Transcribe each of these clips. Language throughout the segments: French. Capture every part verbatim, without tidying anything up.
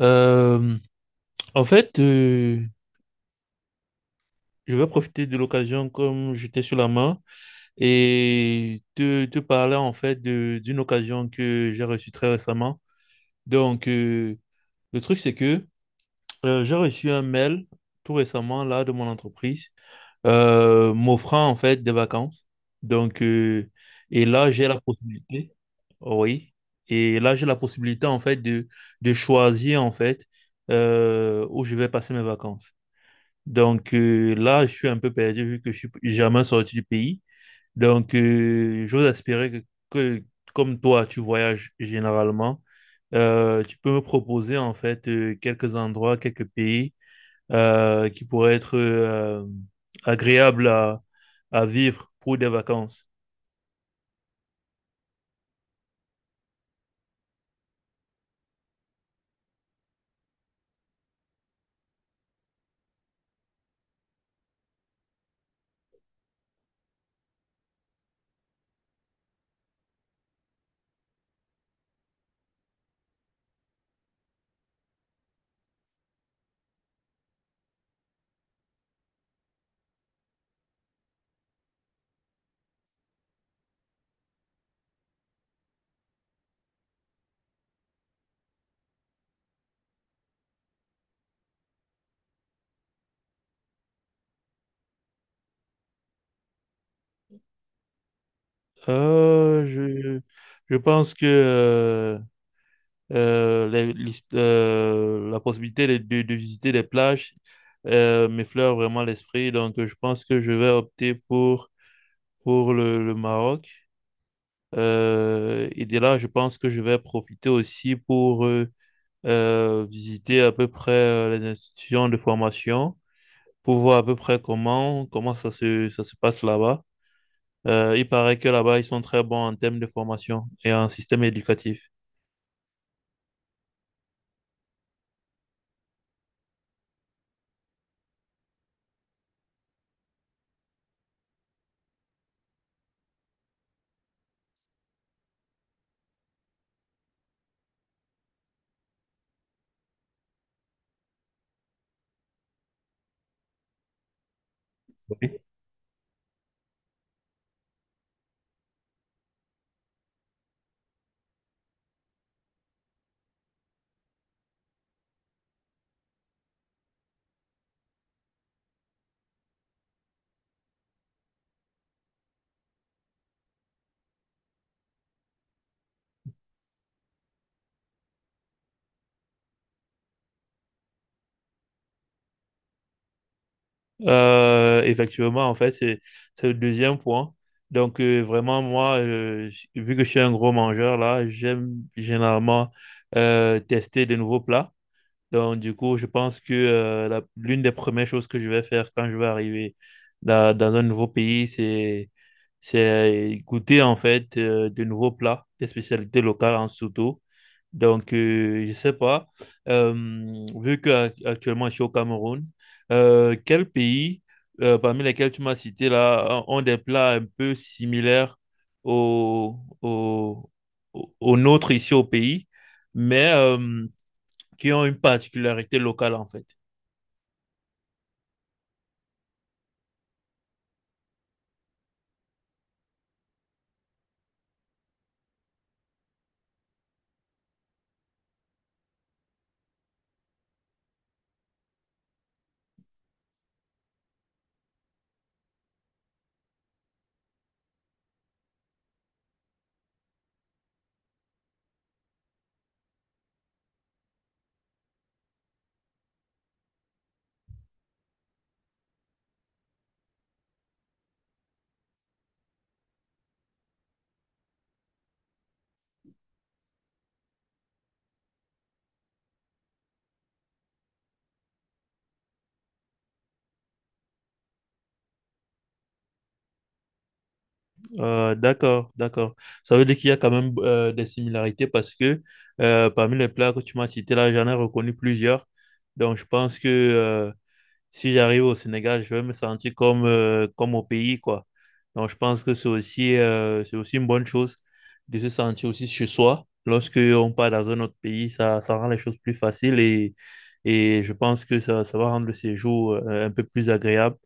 Euh, en fait, euh, je vais profiter de l'occasion comme j'étais sur la main et te, te parler en fait de- d'une occasion que j'ai reçue très récemment. Donc, euh, le truc, c'est que euh, j'ai reçu un mail tout récemment là de mon entreprise, euh, m'offrant en fait des vacances. Donc, euh, et là, j'ai la possibilité, Oh oui, et là, j'ai la possibilité en fait de, de choisir en fait euh, où je vais passer mes vacances. Donc euh, là, je suis un peu perdu vu que je suis jamais sorti du pays. Donc, euh, j'ose espérer que, que, comme toi, tu voyages généralement, euh, tu peux me proposer en fait euh, quelques endroits, quelques pays euh, qui pourraient être euh, agréables à, à vivre pour des vacances. Euh, je, je pense que euh, euh, les- l'hist- euh, la possibilité de, de- de visiter les plages euh, m'effleure vraiment l'esprit. Donc, euh, je pense que je vais opter pour, pour le, le Maroc. Euh, et de là, je pense que je vais profiter aussi pour euh, euh, visiter à peu près euh, les institutions de formation pour voir à peu près comment, comment ça se, ça se passe là-bas. Euh, il paraît que là-bas, ils sont très bons en termes de formation et en système éducatif. Euh, effectivement, en fait, c'est c'est le deuxième point. Donc, euh, vraiment, moi, euh, j- vu que je suis un gros mangeur, là, j'aime généralement euh, tester de nouveaux plats. Donc, du coup, je pense que euh, la- l'une des premières choses que je vais faire quand je vais arriver dans, dans un nouveau pays, c'est, c'est goûter en fait euh, de nouveaux plats, des spécialités locales en surtout. Donc, euh, je sais pas, euh, vu que ac- actuellement je suis au Cameroun, euh, quel pays euh, parmi lesquels tu m'as cité là ont ont des plats un peu similaires au, au, au au nôtre ici au pays? Mais euh, qui ont une particularité locale, en fait. Euh, d'accord, d'accord. Ça veut dire qu'il y a quand même euh, des similarités parce que euh, parmi les plats que tu m'as cités là, j'en ai reconnu plusieurs. Donc je pense que euh, si j'arrive au Sénégal, je vais me sentir comme, euh, comme au pays, quoi. Donc, je pense que c'est aussi, euh, c'est aussi une bonne chose de se sentir aussi chez soi. Lorsque on part dans un autre pays, ça, ça rend les choses plus faciles et, et je pense que ça, ça va rendre le séjour euh, un peu plus agréable.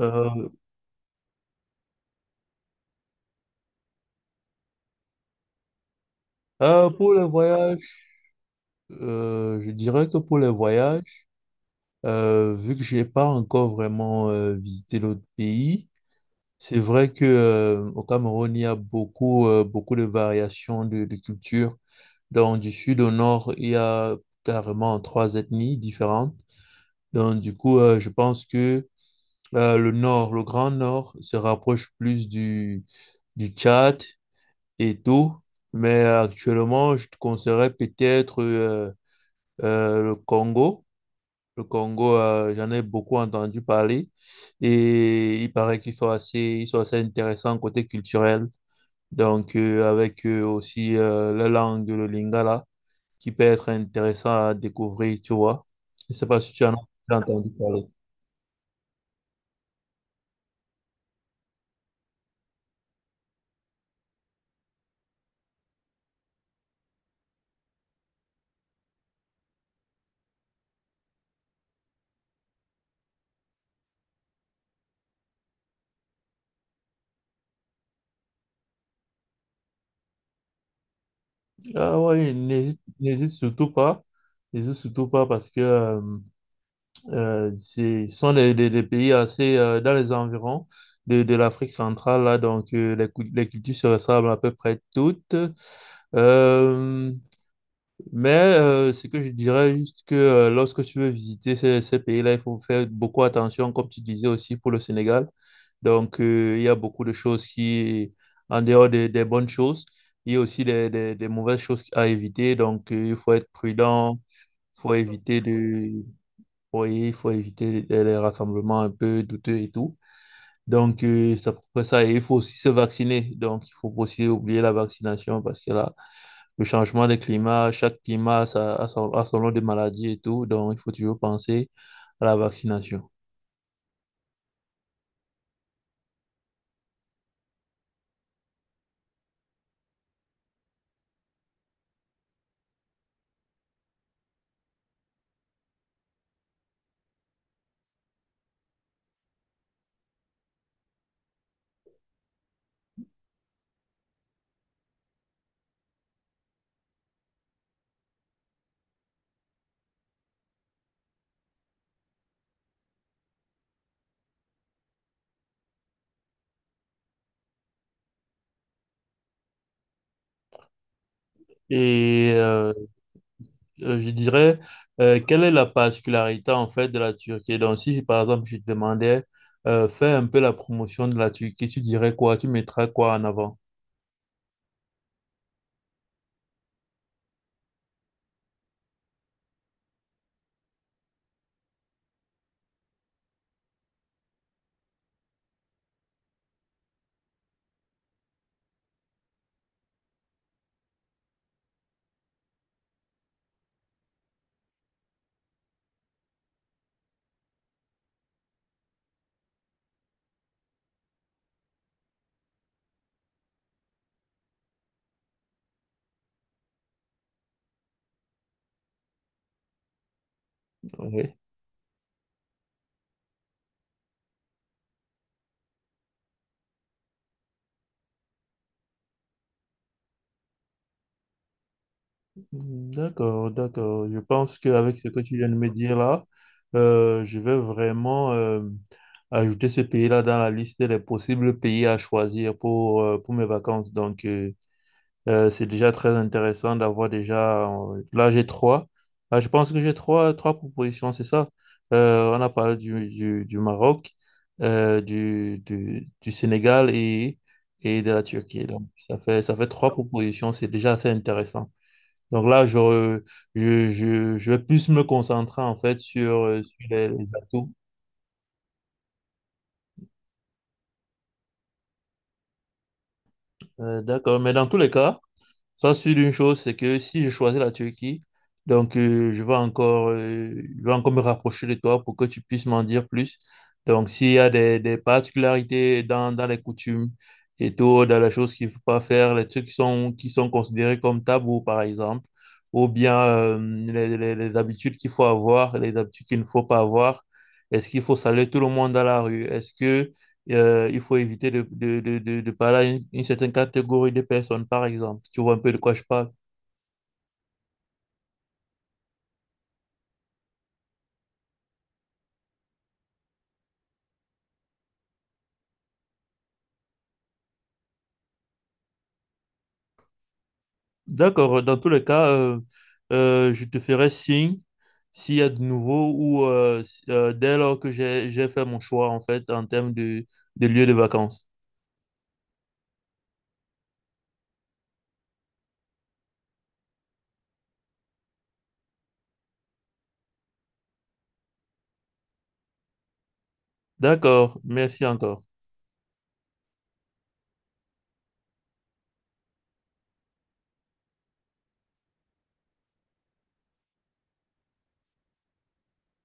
Euh, euh, pour le voyage, euh, je dirais que pour le voyage, euh, vu que je n'ai pas encore vraiment euh, visité l'autre pays. C'est vrai que euh, au Cameroun, il y a beaucoup, euh, beaucoup de variations de, de culture. Donc, du sud au nord, il y a carrément trois ethnies différentes. Donc, du coup, euh, je pense que euh, le nord, le grand nord, se rapproche plus du, du Tchad et tout. Mais actuellement, je te conseillerais peut-être euh, euh, le Congo. Le Congo, euh, j'en ai beaucoup entendu parler et il paraît qu'ils sont assez, ils sont assez intéressants côté culturel. Donc, euh, avec euh, aussi euh, la langue, le lingala, qui peut être intéressant à découvrir, tu vois. Je ne sais pas si tu en as déjà entendu parler. Ah oui, n'hésite n'hésite surtout pas. N'hésite surtout pas parce que euh, euh, c'est- ce sont des, des- des pays assez euh, dans les environs de, de l'Afrique centrale, là, donc euh, les, cou- les cultures se ressemblent à peu près toutes. Euh, Mais euh, ce que je dirais juste que euh, lorsque tu veux visiter ces, ces pays-là, il faut faire beaucoup attention, comme tu disais aussi pour le Sénégal. Donc, euh, il y a beaucoup de choses qui, en dehors des, des bonnes choses, il y a aussi des, des- des mauvaises choses à éviter. Donc, euh, il faut être prudent, il faut éviter de, oui, il faut éviter les, les rassemblements un peu douteux et tout. Donc, euh, c'est à peu près ça. Et il faut aussi se vacciner. Donc, il faut aussi oublier la vaccination parce que là, le changement des climats, chaque climat a, sa- a son, a son lot de maladies et tout, donc il faut toujours penser à la vaccination. Et euh, euh, je dirais, euh, quelle est la particularité en fait de la Turquie? Donc si par exemple je te demandais, euh, fais un peu la promotion de la Turquie, tu dirais quoi? Tu mettrais quoi en avant? Ok. D'accord, d'accord. Je pense qu'avec ce que tu viens de me dire là, euh, je vais vraiment euh, ajouter ce pays-là dans la liste des possibles pays à choisir pour, euh, pour mes vacances. Donc, euh, euh, c'est déjà très intéressant d'avoir déjà... euh, là, j'ai trois. Ah, je pense que j'ai trois, trois propositions, c'est ça. Euh, on a parlé du, du, du Maroc, euh, du, du, du Sénégal et, et de la Turquie. Donc, ça fait, ça fait trois propositions. C'est déjà assez intéressant. Donc là, je, je, je, je vais plus me concentrer en fait sur, euh, sur les, les atouts. Euh, d'accord, mais dans tous les cas, sois sur une chose, c'est que si je choisis la Turquie, donc euh, je vais encore, euh, je vais encore me rapprocher de toi pour que tu puisses m'en dire plus. Donc s'il y a des, des particularités dans, dans les coutumes et tout, dans les choses qu'il ne faut pas faire, les trucs qui sont, qui sont considérés comme tabous, par exemple, ou bien euh, les, les- les habitudes qu'il faut avoir, les habitudes qu'il ne faut pas avoir. Est-ce qu'il faut saluer tout le monde dans la rue? Est-ce que euh, il faut éviter de, de, de, de, de parler à une, une certaine catégorie de personnes, par exemple. Tu vois un peu de quoi je parle. D'accord, dans tous les cas, euh, euh, je te ferai signe s'il y a de nouveau ou euh, s- euh, dès lors que j'ai, j'ai fait mon choix, en fait, en termes de, de lieu de vacances. D'accord, merci encore.